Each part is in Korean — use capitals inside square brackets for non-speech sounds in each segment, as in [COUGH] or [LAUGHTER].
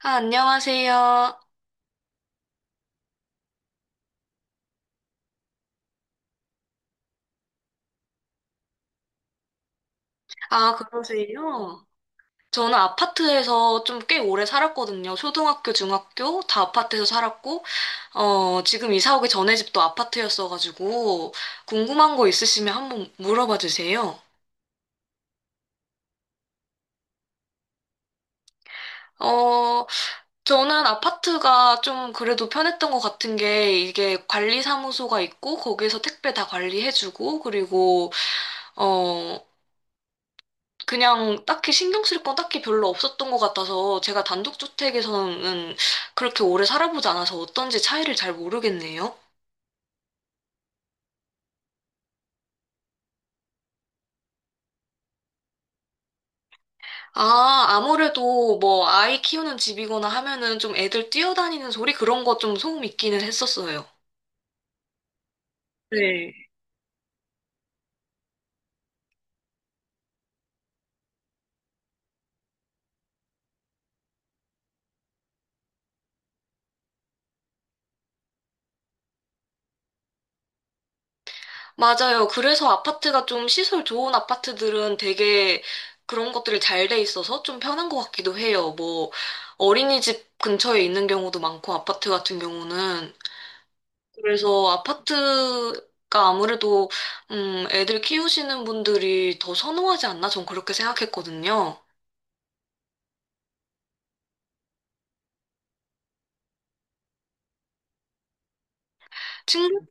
아, 안녕하세요. 아, 그러세요? 저는 아파트에서 좀 꽤 오래 살았거든요. 초등학교, 중학교 다 아파트에서 살았고, 지금 이사 오기 전에 집도 아파트였어가지고, 궁금한 거 있으시면 한번 물어봐 주세요. 어, 저는 아파트가 좀 그래도 편했던 것 같은 게, 이게 관리사무소가 있고, 거기에서 택배 다 관리해주고, 그리고, 어, 그냥 딱히 신경 쓸 건 딱히 별로 없었던 것 같아서 제가 단독주택에서는 그렇게 오래 살아보지 않아서 어떤지 차이를 잘 모르겠네요. 아, 아무래도 뭐 아이 키우는 집이거나 하면은 좀 애들 뛰어다니는 소리 그런 거 좀 소음 있기는 했었어요. 네. 맞아요. 그래서 아파트가 좀 시설 좋은 아파트들은 되게 그런 것들이 잘 돼 있어서 좀 편한 것 같기도 해요. 뭐 어린이집 근처에 있는 경우도 많고 아파트 같은 경우는. 그래서 아파트가 아무래도 애들 키우시는 분들이 더 선호하지 않나? 전 그렇게 생각했거든요. 친구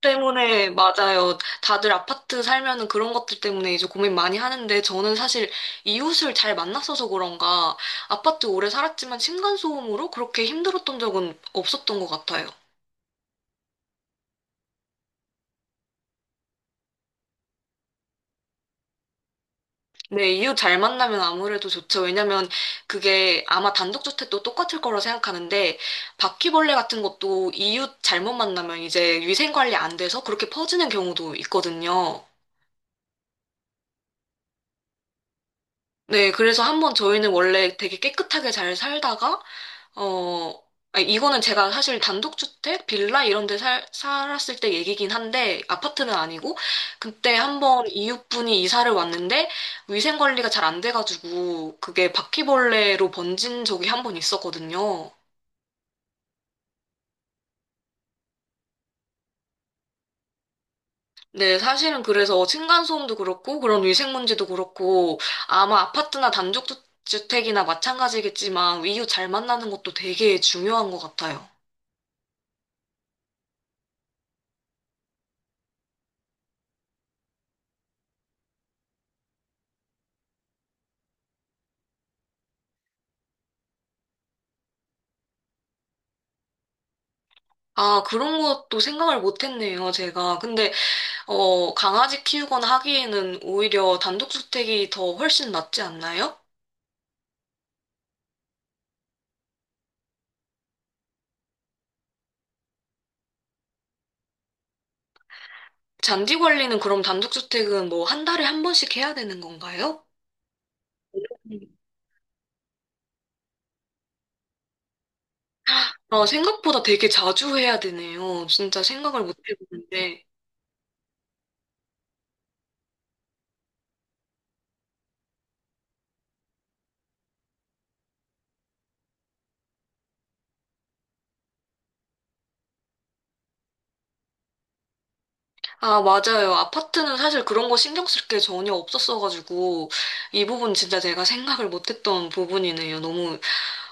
때문에 맞아요. 다들 아파트 살면은 그런 것들 때문에 이제 고민 많이 하는데 저는 사실 이웃을 잘 만났어서 그런가 아파트 오래 살았지만 층간소음으로 그렇게 힘들었던 적은 없었던 것 같아요. 네, 이웃 잘 만나면 아무래도 좋죠. 왜냐면 그게 아마 단독주택도 똑같을 거라 생각하는데 바퀴벌레 같은 것도 이웃 잘못 만나면 이제 위생관리 안 돼서 그렇게 퍼지는 경우도 있거든요. 네, 그래서 한번 저희는 원래 되게 깨끗하게 잘 살다가 어, 아니, 이거는 제가 사실 단독주택, 빌라 이런 데 살았을 때 얘기긴 한데, 아파트는 아니고, 그때 한번 이웃분이 이사를 왔는데, 위생관리가 잘 안 돼가지고, 그게 바퀴벌레로 번진 적이 한번 있었거든요. 네, 사실은 그래서 층간소음도 그렇고, 그런 위생 문제도 그렇고, 아마 아파트나 단독주택이나 마찬가지겠지만, 이웃 잘 만나는 것도 되게 중요한 것 같아요. 아, 그런 것도 생각을 못 했네요, 제가. 근데 강아지 키우거나 하기에는 오히려 단독주택이 더 훨씬 낫지 않나요? 잔디 관리는 그럼 단독주택은 뭐 한 달에 한 번씩 해야 되는 건가요? 아, 생각보다 되게 자주 해야 되네요. 진짜 생각을 못 해봤는데. 아, 맞아요. 아파트는 사실 그런 거 신경 쓸 게 전혀 없었어가지고, 이 부분 진짜 제가 생각을 못 했던 부분이네요. 너무,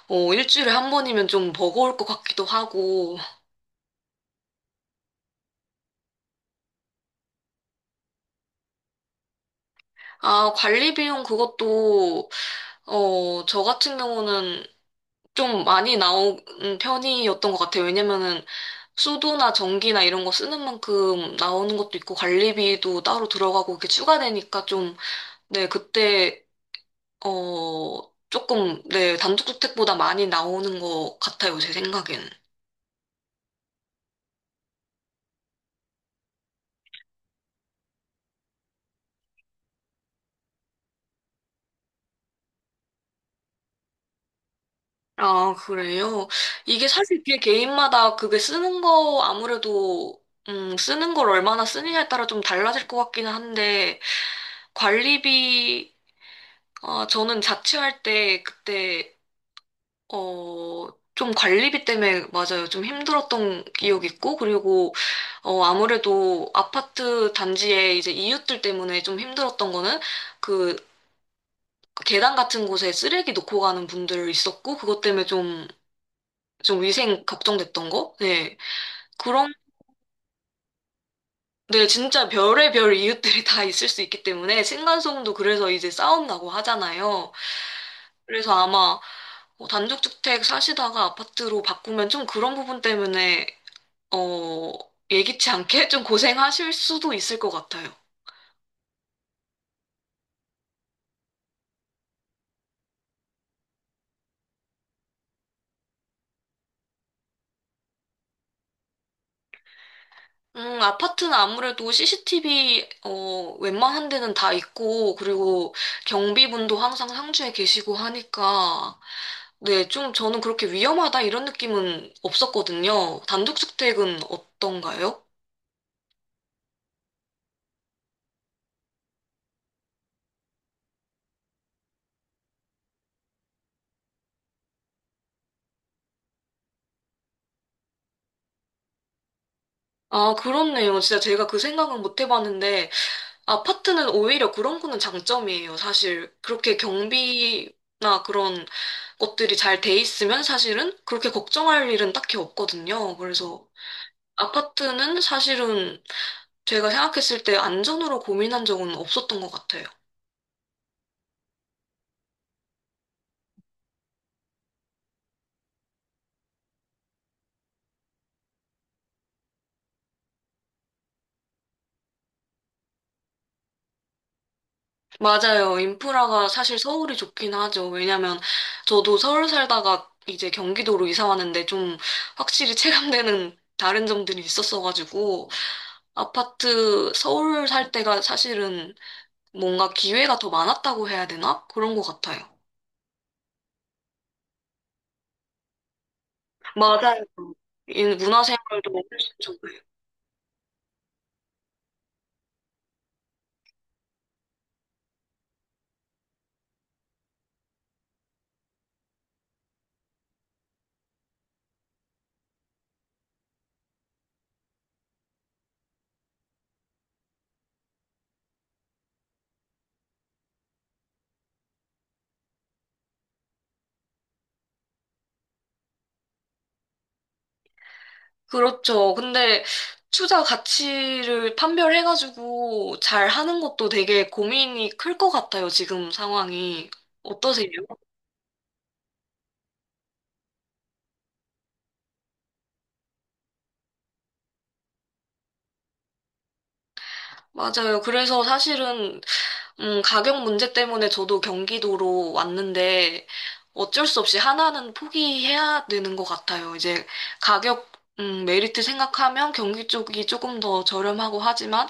일주일에 한 번이면 좀 버거울 것 같기도 하고. 아, 관리 비용 그것도 저 같은 경우는 좀 많이 나온 편이었던 것 같아요. 왜냐면은 수도나 전기나 이런 거 쓰는 만큼 나오는 것도 있고 관리비도 따로 들어가고 이렇게 추가되니까 좀, 네, 그때, 어, 조금, 네, 단독주택보다 많이 나오는 것 같아요. 제 생각에는. 아, 그래요? 이게 사실 그게 개인마다 그게 쓰는 거 아무래도 쓰는 걸 얼마나 쓰느냐에 따라 좀 달라질 것 같기는 한데, 관리비 아, 저는 자취할 때 그때 어, 좀 관리비 때문에 맞아요. 좀 힘들었던 기억이 있고 그리고 아무래도 아파트 단지에 이제 이웃들 때문에 좀 힘들었던 거는 그 계단 같은 곳에 쓰레기 놓고 가는 분들 있었고 그것 때문에 좀 좀 위생 걱정됐던 거? 네. 그런 네, 진짜 별의별 이웃들이 [LAUGHS] 다 있을 수 있기 때문에 층간소음도 그래서 이제 싸움 나고 하잖아요. 그래서 아마 단독주택 사시다가 아파트로 바꾸면 좀 그런 부분 때문에 어, 예기치 않게 [LAUGHS] 좀 고생하실 수도 있을 것 같아요. 아파트는 아무래도 CCTV 웬만한 데는 다 있고 그리고 경비분도 항상 상주에 계시고 하니까 네, 좀 저는 그렇게 위험하다 이런 느낌은 없었거든요. 단독주택은 어떤가요? 아, 그렇네요. 진짜 제가 그 생각은 못 해봤는데 아파트는 오히려 그런 거는 장점이에요. 사실 그렇게 경비나 그런 것들이 잘 돼 있으면 사실은 그렇게 걱정할 일은 딱히 없거든요. 그래서 아파트는 사실은 제가 생각했을 때 안전으로 고민한 적은 없었던 것 같아요. 맞아요. 인프라가 사실 서울이 좋긴 하죠. 왜냐면 저도 서울 살다가 이제 경기도로 이사 왔는데 좀 확실히 체감되는 다른 점들이 있었어가지고 아파트 서울 살 때가 사실은 뭔가 기회가 더 많았다고 해야 되나? 그런 것 같아요. 맞아요. 이 문화생활도 훨씬 좋고요. 그렇죠. 근데 투자 가치를 판별해가지고 잘 하는 것도 되게 고민이 클 것 같아요. 지금 상황이. 어떠세요? 맞아요. 그래서 사실은 가격 문제 때문에 저도 경기도로 왔는데 어쩔 수 없이 하나는 포기해야 되는 것 같아요. 이제 가격, 메리트 생각하면 경기 쪽이 조금 더 저렴하고 하지만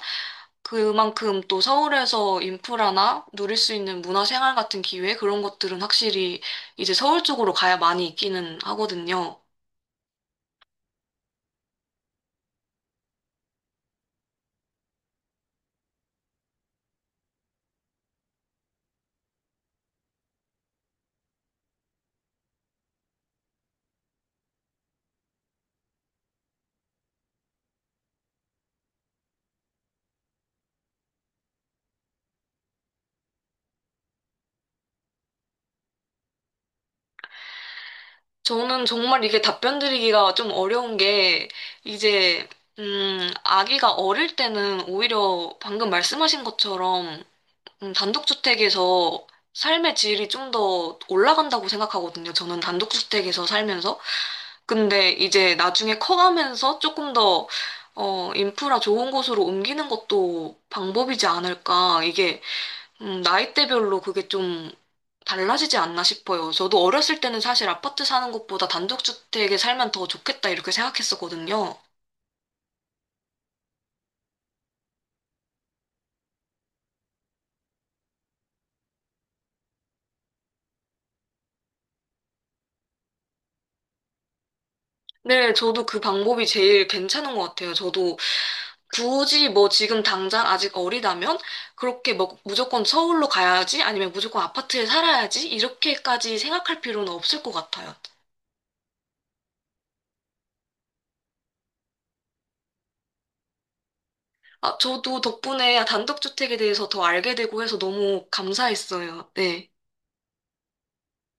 그만큼 또 서울에서 인프라나 누릴 수 있는 문화생활 같은 기회 그런 것들은 확실히 이제 서울 쪽으로 가야 많이 있기는 하거든요. 저는 정말 이게 답변 드리기가 좀 어려운 게, 이제, 아기가 어릴 때는 오히려 방금 말씀하신 것처럼, 단독주택에서 삶의 질이 좀 더 올라간다고 생각하거든요. 저는 단독주택에서 살면서. 근데 이제 나중에 커가면서 조금 더, 인프라 좋은 곳으로 옮기는 것도 방법이지 않을까. 이게 나이대별로 그게 좀 달라지지 않나 싶어요. 저도 어렸을 때는 사실 아파트 사는 것보다 단독주택에 살면 더 좋겠다 이렇게 생각했었거든요. 네, 저도 그 방법이 제일 괜찮은 것 같아요. 저도 굳이 뭐 지금 당장 아직 어리다면 그렇게 뭐 무조건 서울로 가야지 아니면 무조건 아파트에 살아야지 이렇게까지 생각할 필요는 없을 것 같아요. 아, 저도 덕분에 단독주택에 대해서 더 알게 되고 해서 너무 감사했어요. 네.